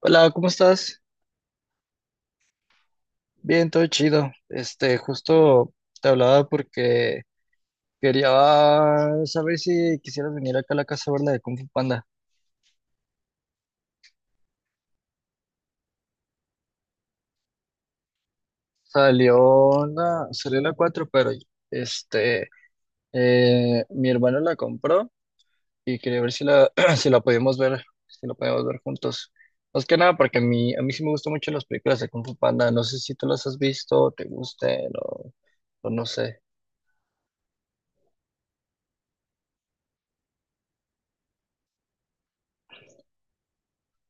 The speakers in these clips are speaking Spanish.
Hola, ¿cómo estás? Bien, todo chido. Justo te hablaba porque quería saber si quisieras venir acá a la casa a ver la de Kung Fu Panda. Salió la 4, pero este, mi hermano la compró y quería ver si la, si la podíamos ver juntos. Más que nada porque a mí sí me gustan mucho las películas de Kung Fu Panda. No sé si tú las has visto, te gusten o no sé.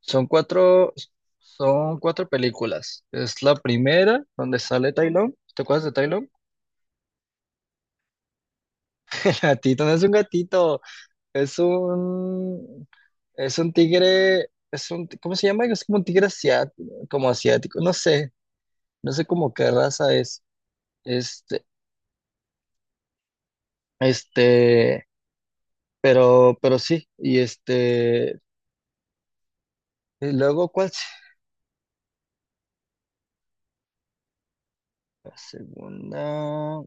Son cuatro, son cuatro películas. Es la primera donde sale Tai Lung. ¿Te acuerdas de Tai Lung? El gatito no es un gatito, es un, es un tigre, ¿cómo se llama? Es como un tigre asiático, como asiático, no sé cómo qué raza es. Este, este, pero sí, y luego, ¿cuál? La segunda,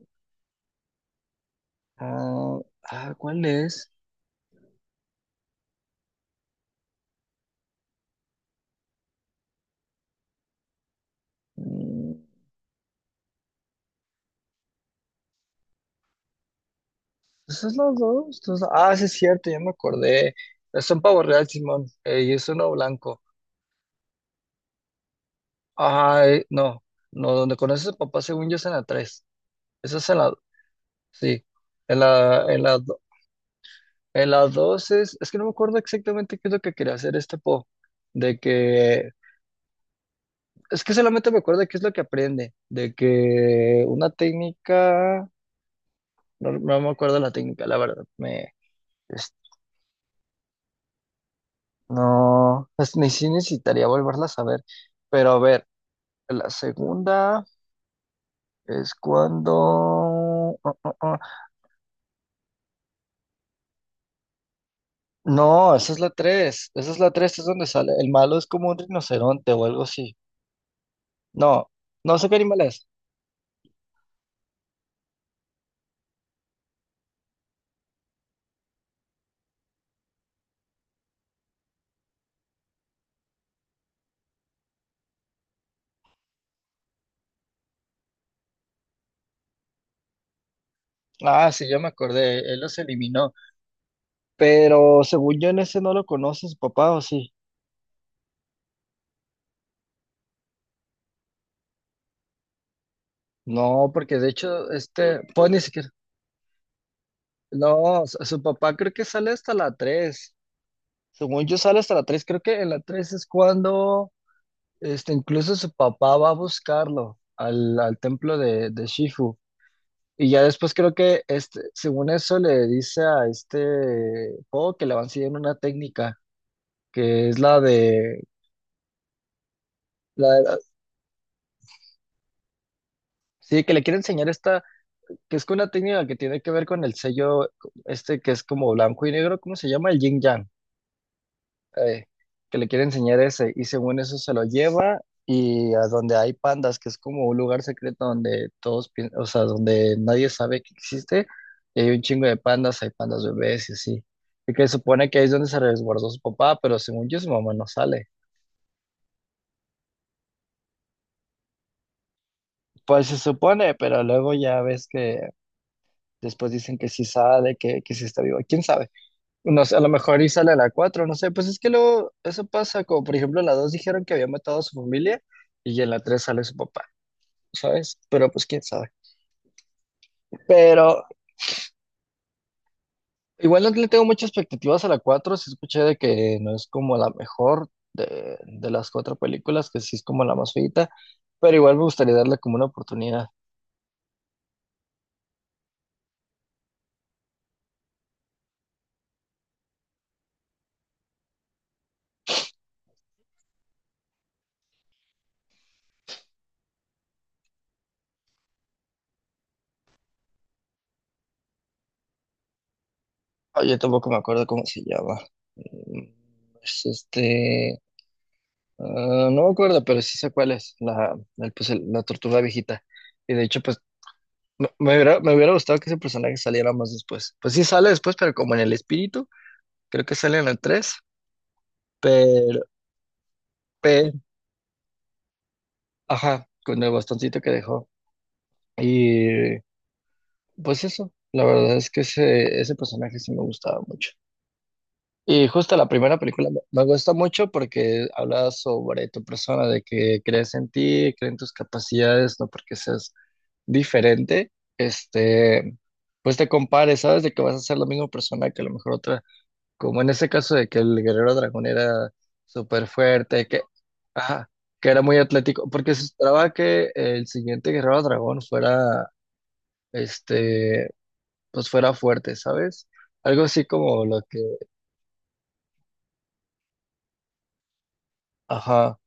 ah, ¿cuál es? Mm. Ah, sí es cierto, ya me acordé. Son pavo real, Simón, y es uno blanco. Ay, no, no, donde conoces a papá, según yo, es en la tres. Esa es en la, Sí, en la, en la, do- en la 2 es que no me acuerdo exactamente qué es lo que quería hacer este po, de que, es que solamente me acuerdo de qué es lo que aprende, de que una técnica, no, no me acuerdo la técnica, la verdad, es- no, ni si necesitaría volverla a saber, pero a ver. La segunda es cuando... ah. No, esa es la tres. Esa es la tres, es donde sale. El malo es como un rinoceronte o algo así. No, no sé qué animal es. Ah, sí, ya me acordé. Él los eliminó. Pero según yo en ese no lo conoce su papá, ¿o sí? No, porque de hecho, pues ni siquiera. No, su papá creo que sale hasta la tres. Según yo sale hasta la tres. Creo que en la tres es cuando. Incluso su papá va a buscarlo al templo de Shifu. Y ya después creo que según eso le dice a este Po que le van a enseñar una técnica, que es la de- sí, que le quiere enseñar esta, que es una técnica que tiene que ver con el sello, este que es como blanco y negro, ¿cómo se llama? El yin yang. eh, que le quiere enseñar ese, y según eso se lo lleva y a donde hay pandas, que es como un lugar secreto donde o sea, donde nadie sabe que existe, y hay un chingo de pandas, hay pandas bebés y así. Y que supone que ahí es donde se resguardó su papá, pero según yo su mamá no sale. Pues se supone, pero luego ya ves que después dicen que sí sale, que sí está vivo. ¿Quién sabe? No sé, a lo mejor y sale a la cuatro, no sé. Pues es que luego eso pasa, como por ejemplo en la dos dijeron que había matado a su familia y en la 3 sale su papá. ¿Sabes? Pero pues quién sabe. Pero igual no le tengo muchas expectativas a la cuatro, sí escuché de que no es como la mejor de las cuatro películas, que sí es como la más feita, pero igual me gustaría darle como una oportunidad. Ah, yo tampoco me acuerdo cómo se llama. Mm, Es no me acuerdo, pero sí sé cuál es, la, el, pues, el- la tortuga viejita. Y de hecho, pues me hubiera gustado que ese personaje saliera más después. Pues sí sale después, pero como en el espíritu, creo que sale en el tres, pero... Ajá, con el bastoncito que dejó. Y pues eso, la verdad es que ese personaje sí me gustaba mucho. Y justo la primera película me gusta mucho porque habla sobre tu persona, de que crees en ti, crees en tus capacidades, no porque seas diferente, este, pues te compares, sabes de que vas a ser la misma persona que a lo mejor otra como en ese caso de que el guerrero dragón era súper fuerte, que, ajá, que era muy atlético, porque se esperaba que el siguiente guerrero dragón fuera, este, pues fuera fuerte, ¿sabes? Algo así como lo que, ajá.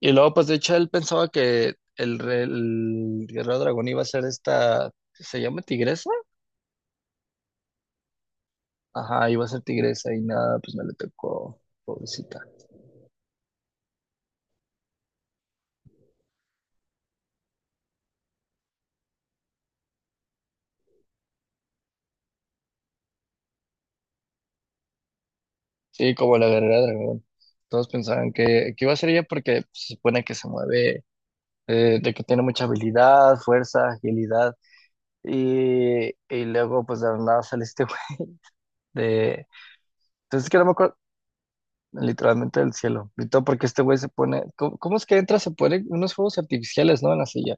Y luego, pues de hecho, él pensaba que el guerrero dragón iba a ser esta, ¿se llama tigresa? Ajá, iba a ser tigresa y nada, pues no le tocó, pobrecita. Sí, como la guerrera dragón. Todos pensaban que iba a ser ella porque pues, se supone que se mueve de que tiene mucha habilidad, fuerza, agilidad. Y luego, pues de la nada sale este güey de. Entonces, que no me acuerdo literalmente del cielo. Y todo porque este güey se pone. ¿Cómo es que entra? Se pone unos fuegos artificiales, ¿no? En la silla.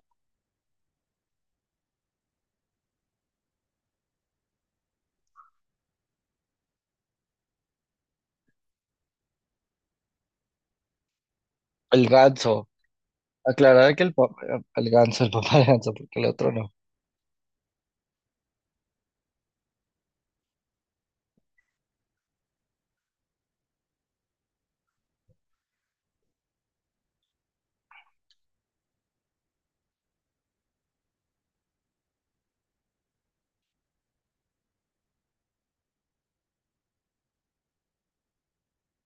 El ganso. Aclarar que el papá. El ganso, el papá de ganso, porque el otro no.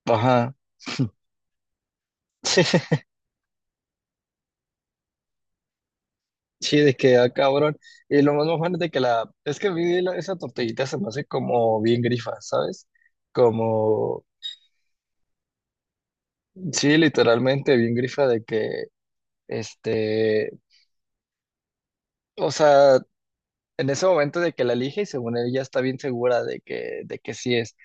Ajá. Sí, sí, de que, ah, cabrón. Y lo más mojón es de que la. Es que vi esa tortillita se me hace como bien grifa, ¿sabes? Como. Sí, literalmente bien grifa de que Este, o sea, en ese momento de que la elige y según ella está bien segura de que sí es.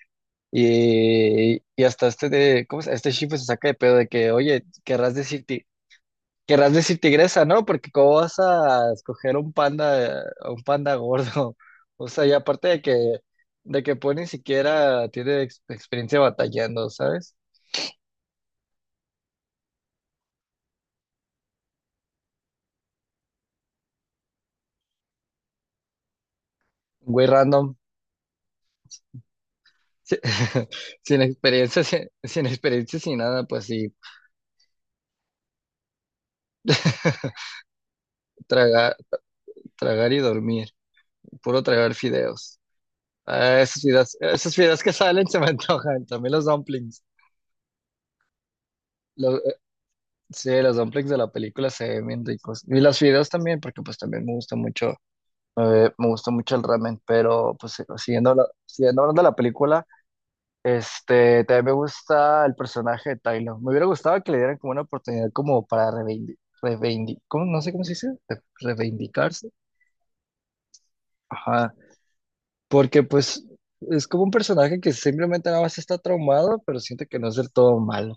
Y hasta Este Shifu se saca de pedo de que, oye, querrás decir tigresa, ¿no? Porque cómo vas a escoger un panda, a un panda gordo. O sea, y aparte de que, pues ni siquiera tiene experiencia batallando, ¿sabes? Güey random. Sin experiencia, sin experiencia, sin nada, pues sí. traga. Tragar y dormir. Puro tragar fideos. Ah, esas fideos, esos fideos que salen se me antojan. También los dumplings. Los- eh, sí, los dumplings de la película se ven bien ricos. Y los fideos también, porque pues también me gusta mucho el ramen. Pero pues siguiendo, siguiendo hablando de la película, también me gusta el personaje de Tyler. Me hubiera gustado que le dieran como una oportunidad como para reivindicar. ¿Cómo? No sé cómo se dice. Reivindicarse. Ajá. Porque pues es como un personaje que simplemente nada más está traumado, pero siente que no es del todo malo.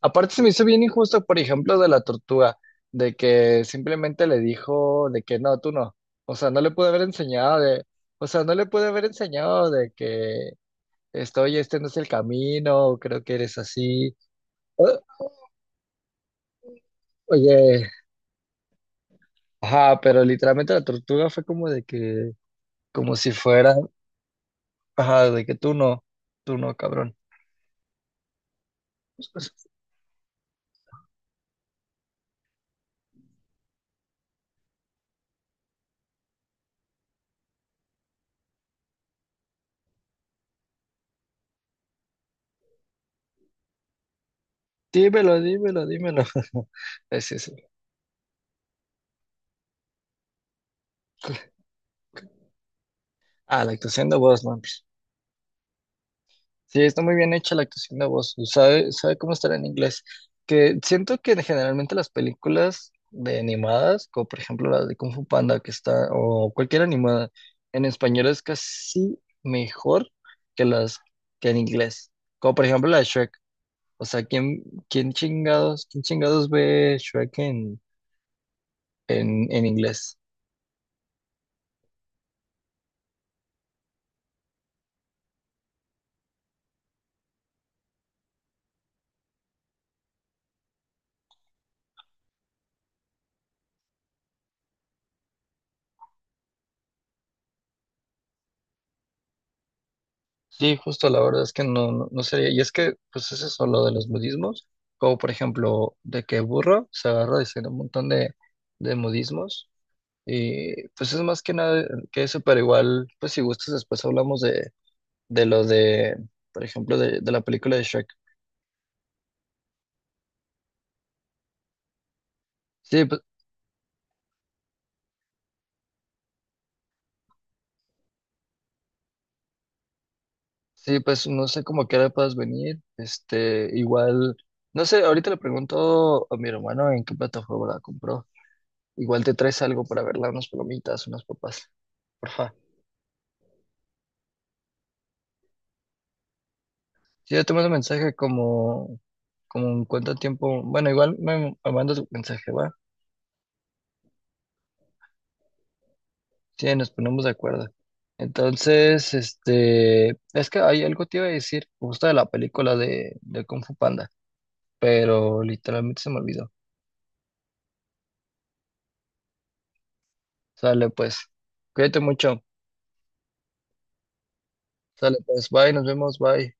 Aparte se me hizo bien injusto, por ejemplo, de la tortuga, de que simplemente le dijo de que no, tú no. O sea, no le pude haber enseñado de, o sea, no le pude haber enseñado de que estoy, este no es el camino, creo que eres así. Oye, ajá, pero literalmente la tortuga fue como de que, como si fuera, ajá, de que tú no, cabrón. Dímelo, dímelo, dímelo. Es eso. Ah, la actuación de voz, no. Pues, sí, está muy bien hecha la actuación de voz. ¿Sabe cómo estará en inglés? Que siento que generalmente las películas de animadas, como por ejemplo la de Kung Fu Panda, que está, o cualquier animada, en español es casi mejor que las que en inglés. Como por ejemplo la de Shrek. O sea, ¿quién chingados ve Shrek en, en inglés? Sí, justo la verdad es que no, no, no sería. Y es que, pues es eso lo de los budismos, como por ejemplo, de que Burro se agarra diciendo un montón de budismos. Y pues es más que nada que eso, pero igual, pues si gustas, después hablamos de lo de, por ejemplo, de la película de Shrek. Sí, pues, sí, pues no sé cómo que ahora puedas venir. Igual, no sé, ahorita le pregunto a mi hermano en qué plataforma la compró. Igual te traes algo para verla, unas palomitas, unas papas, porfa. Sí, yo te mando mensaje como en cuánto tiempo. Bueno, igual me mandas un mensaje, va. Sí, nos ponemos de acuerdo. Entonces, es que hay algo te iba a decir justo de la película de Kung Fu Panda, pero literalmente se me olvidó. Sale pues, cuídate mucho. Sale pues, bye, nos vemos, bye.